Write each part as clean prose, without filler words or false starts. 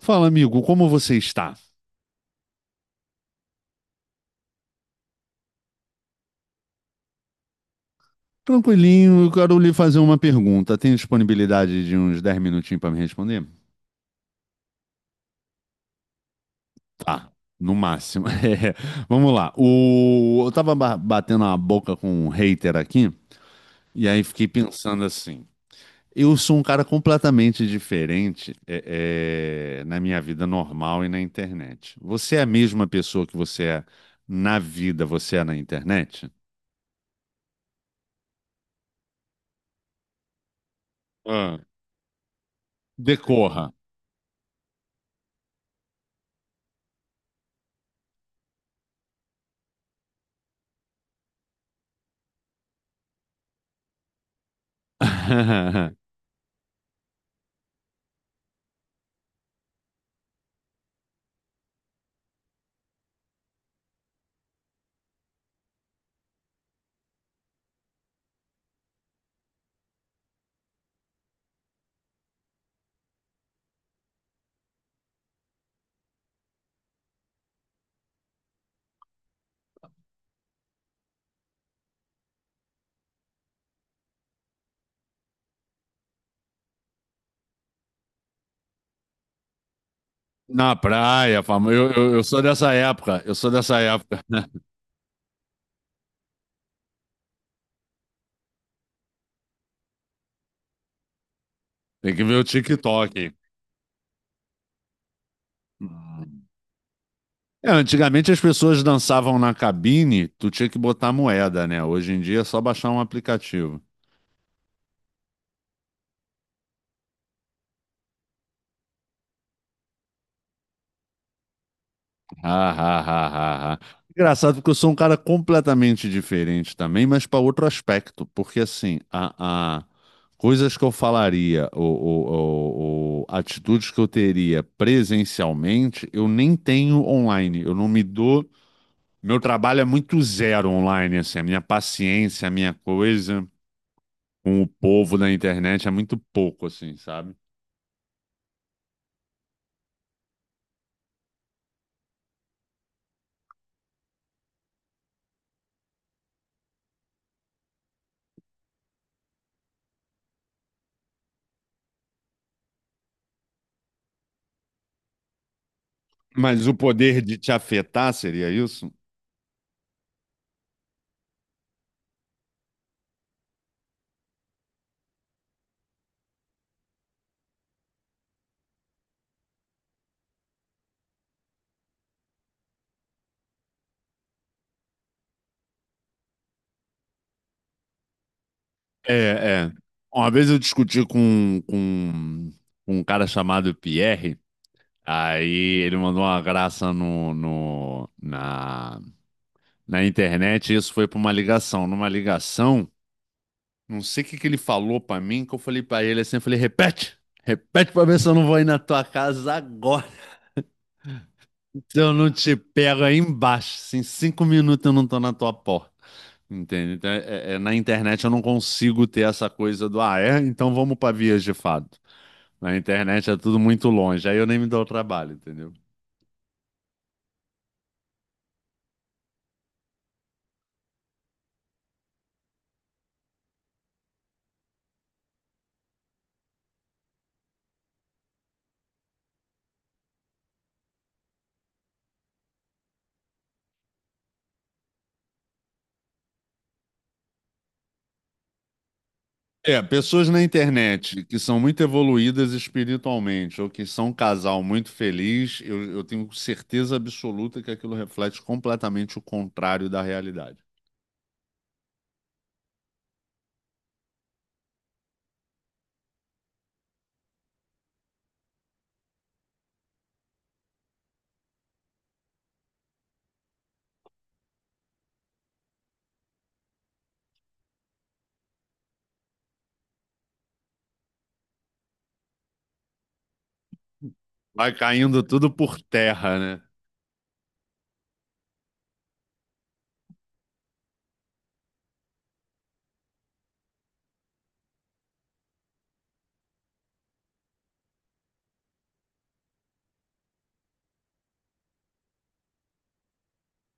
Fala, amigo, como você está? Tranquilinho, eu quero lhe fazer uma pergunta. Tem disponibilidade de uns 10 minutinhos para me responder? Tá, no máximo. É, vamos lá. Eu tava batendo a boca com um hater aqui, e aí fiquei pensando assim. Eu sou um cara completamente diferente na minha vida normal e na internet. Você é a mesma pessoa que você é na vida, você é na internet? Ah. Decorra. Na praia, fama. Eu sou dessa época. Eu sou dessa época. Tem que ver o TikTok. É, antigamente as pessoas dançavam na cabine, tu tinha que botar moeda, né? Hoje em dia é só baixar um aplicativo. Ah, ah, ah, ah, ah. Engraçado porque eu sou um cara completamente diferente também, mas para outro aspecto. Porque assim, coisas que eu falaria, ou atitudes que eu teria presencialmente, eu nem tenho online. Eu não me dou. Meu trabalho é muito zero online, assim. A minha paciência, a minha coisa com o povo da internet é muito pouco, assim, sabe? Mas o poder de te afetar seria isso? É, é. Uma vez eu discuti com um cara chamado Pierre, aí ele mandou uma graça na internet e isso foi para uma ligação. Numa ligação, não sei o que que ele falou para mim, que eu falei para ele assim, eu falei, repete, repete para ver se eu não vou ir na tua casa agora. Se eu não te pego aí embaixo, assim, 5 minutos eu não tô na tua porta. Entende? Então, na internet eu não consigo ter essa coisa do, ah, é? Então vamos para vias de fato. Na internet é tudo muito longe, aí eu nem me dou o trabalho, entendeu? É, pessoas na internet que são muito evoluídas espiritualmente ou que são um casal muito feliz, eu tenho certeza absoluta que aquilo reflete completamente o contrário da realidade. Vai caindo tudo por terra, né?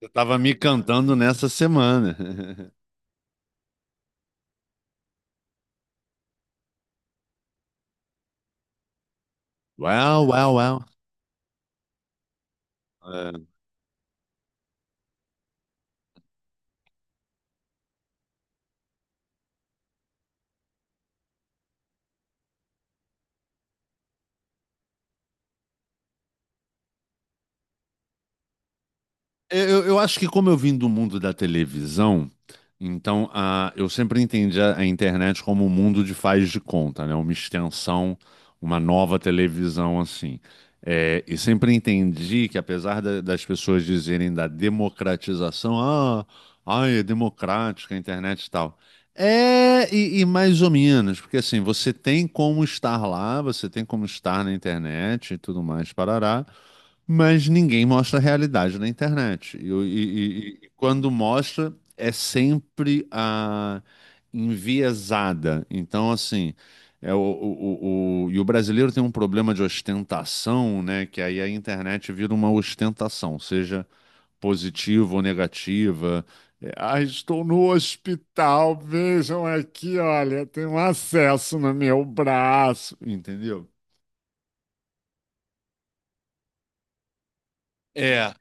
Você tava me cantando nessa semana. Well, well, uau. É, eu acho que como eu vim do mundo da televisão, então a, eu sempre entendi a internet como um mundo de faz de conta, né? Uma extensão, uma nova televisão assim. É, e sempre entendi que apesar das pessoas dizerem da democratização, ah, ai, é democrática a internet e tal. É, e mais ou menos, porque assim, você tem como estar lá, você tem como estar na internet e tudo mais, parará. Mas ninguém mostra a realidade na internet. E, e quando mostra, é sempre a enviesada. Então, assim, é o, o, e o brasileiro tem um problema de ostentação, né? Que aí a internet vira uma ostentação, seja positiva ou negativa. É, ah, estou no hospital, vejam aqui, olha, tem um acesso no meu braço, entendeu? É.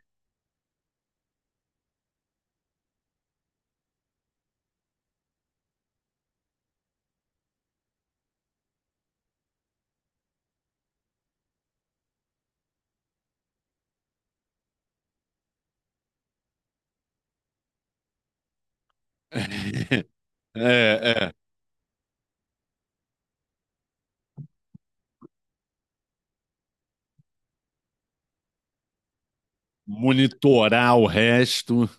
É, monitorar o resto.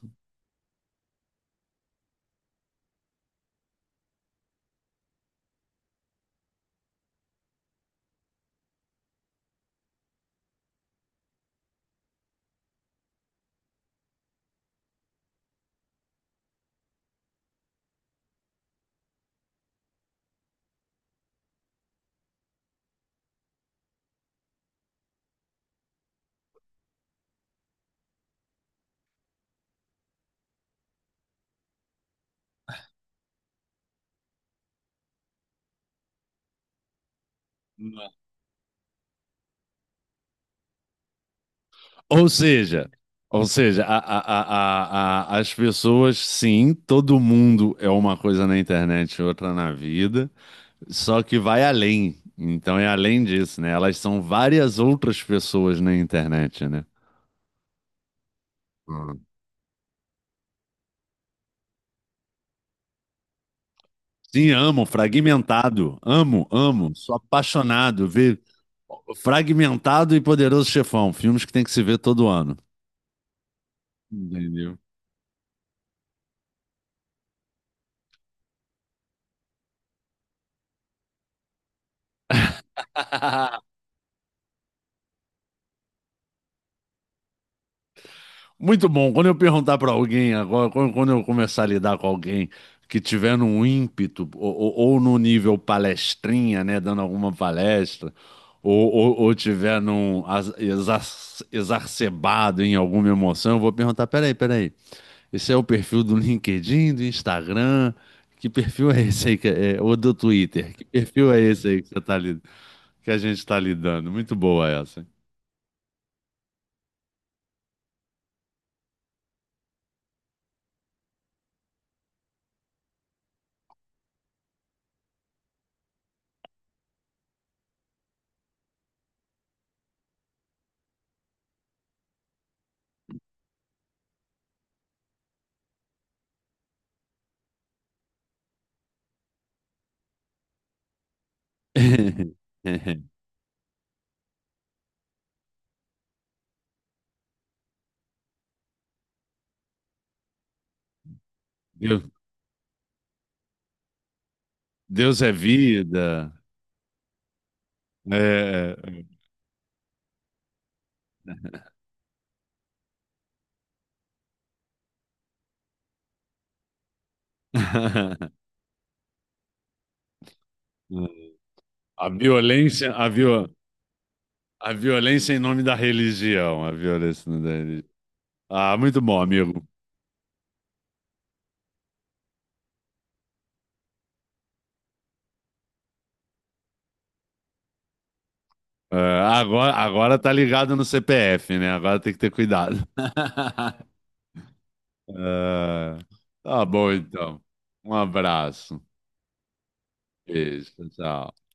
Ou seja, ou seja, as pessoas, sim, todo mundo é uma coisa na internet e outra na vida, só que vai além. Então é além disso, né? Elas são várias outras pessoas na internet, né? Hum. Sim, amo, fragmentado. Amo, amo. Sou apaixonado. Ver Fragmentado e Poderoso Chefão, filmes que tem que se ver todo ano. Entendeu? Muito bom. Quando eu perguntar para alguém agora, quando eu começar a lidar com alguém que tiver num ímpeto ou no nível palestrinha, né, dando alguma palestra, ou tiver num exacerbado em alguma emoção, eu vou perguntar: peraí, peraí, esse é o perfil do LinkedIn, do Instagram? Que perfil é esse aí? Que é, é, ou do Twitter? Que perfil é esse aí que você tá, que a gente está lidando? Muito boa essa. Deus, Deus é vida. É, a violência, a, viol, a violência em nome da religião, a violência em nome da religião. Ah, muito bom, amigo. É, agora tá ligado no CPF, né? Agora tem que ter cuidado. É, tá bom, então. Um abraço. Beijo, tchau.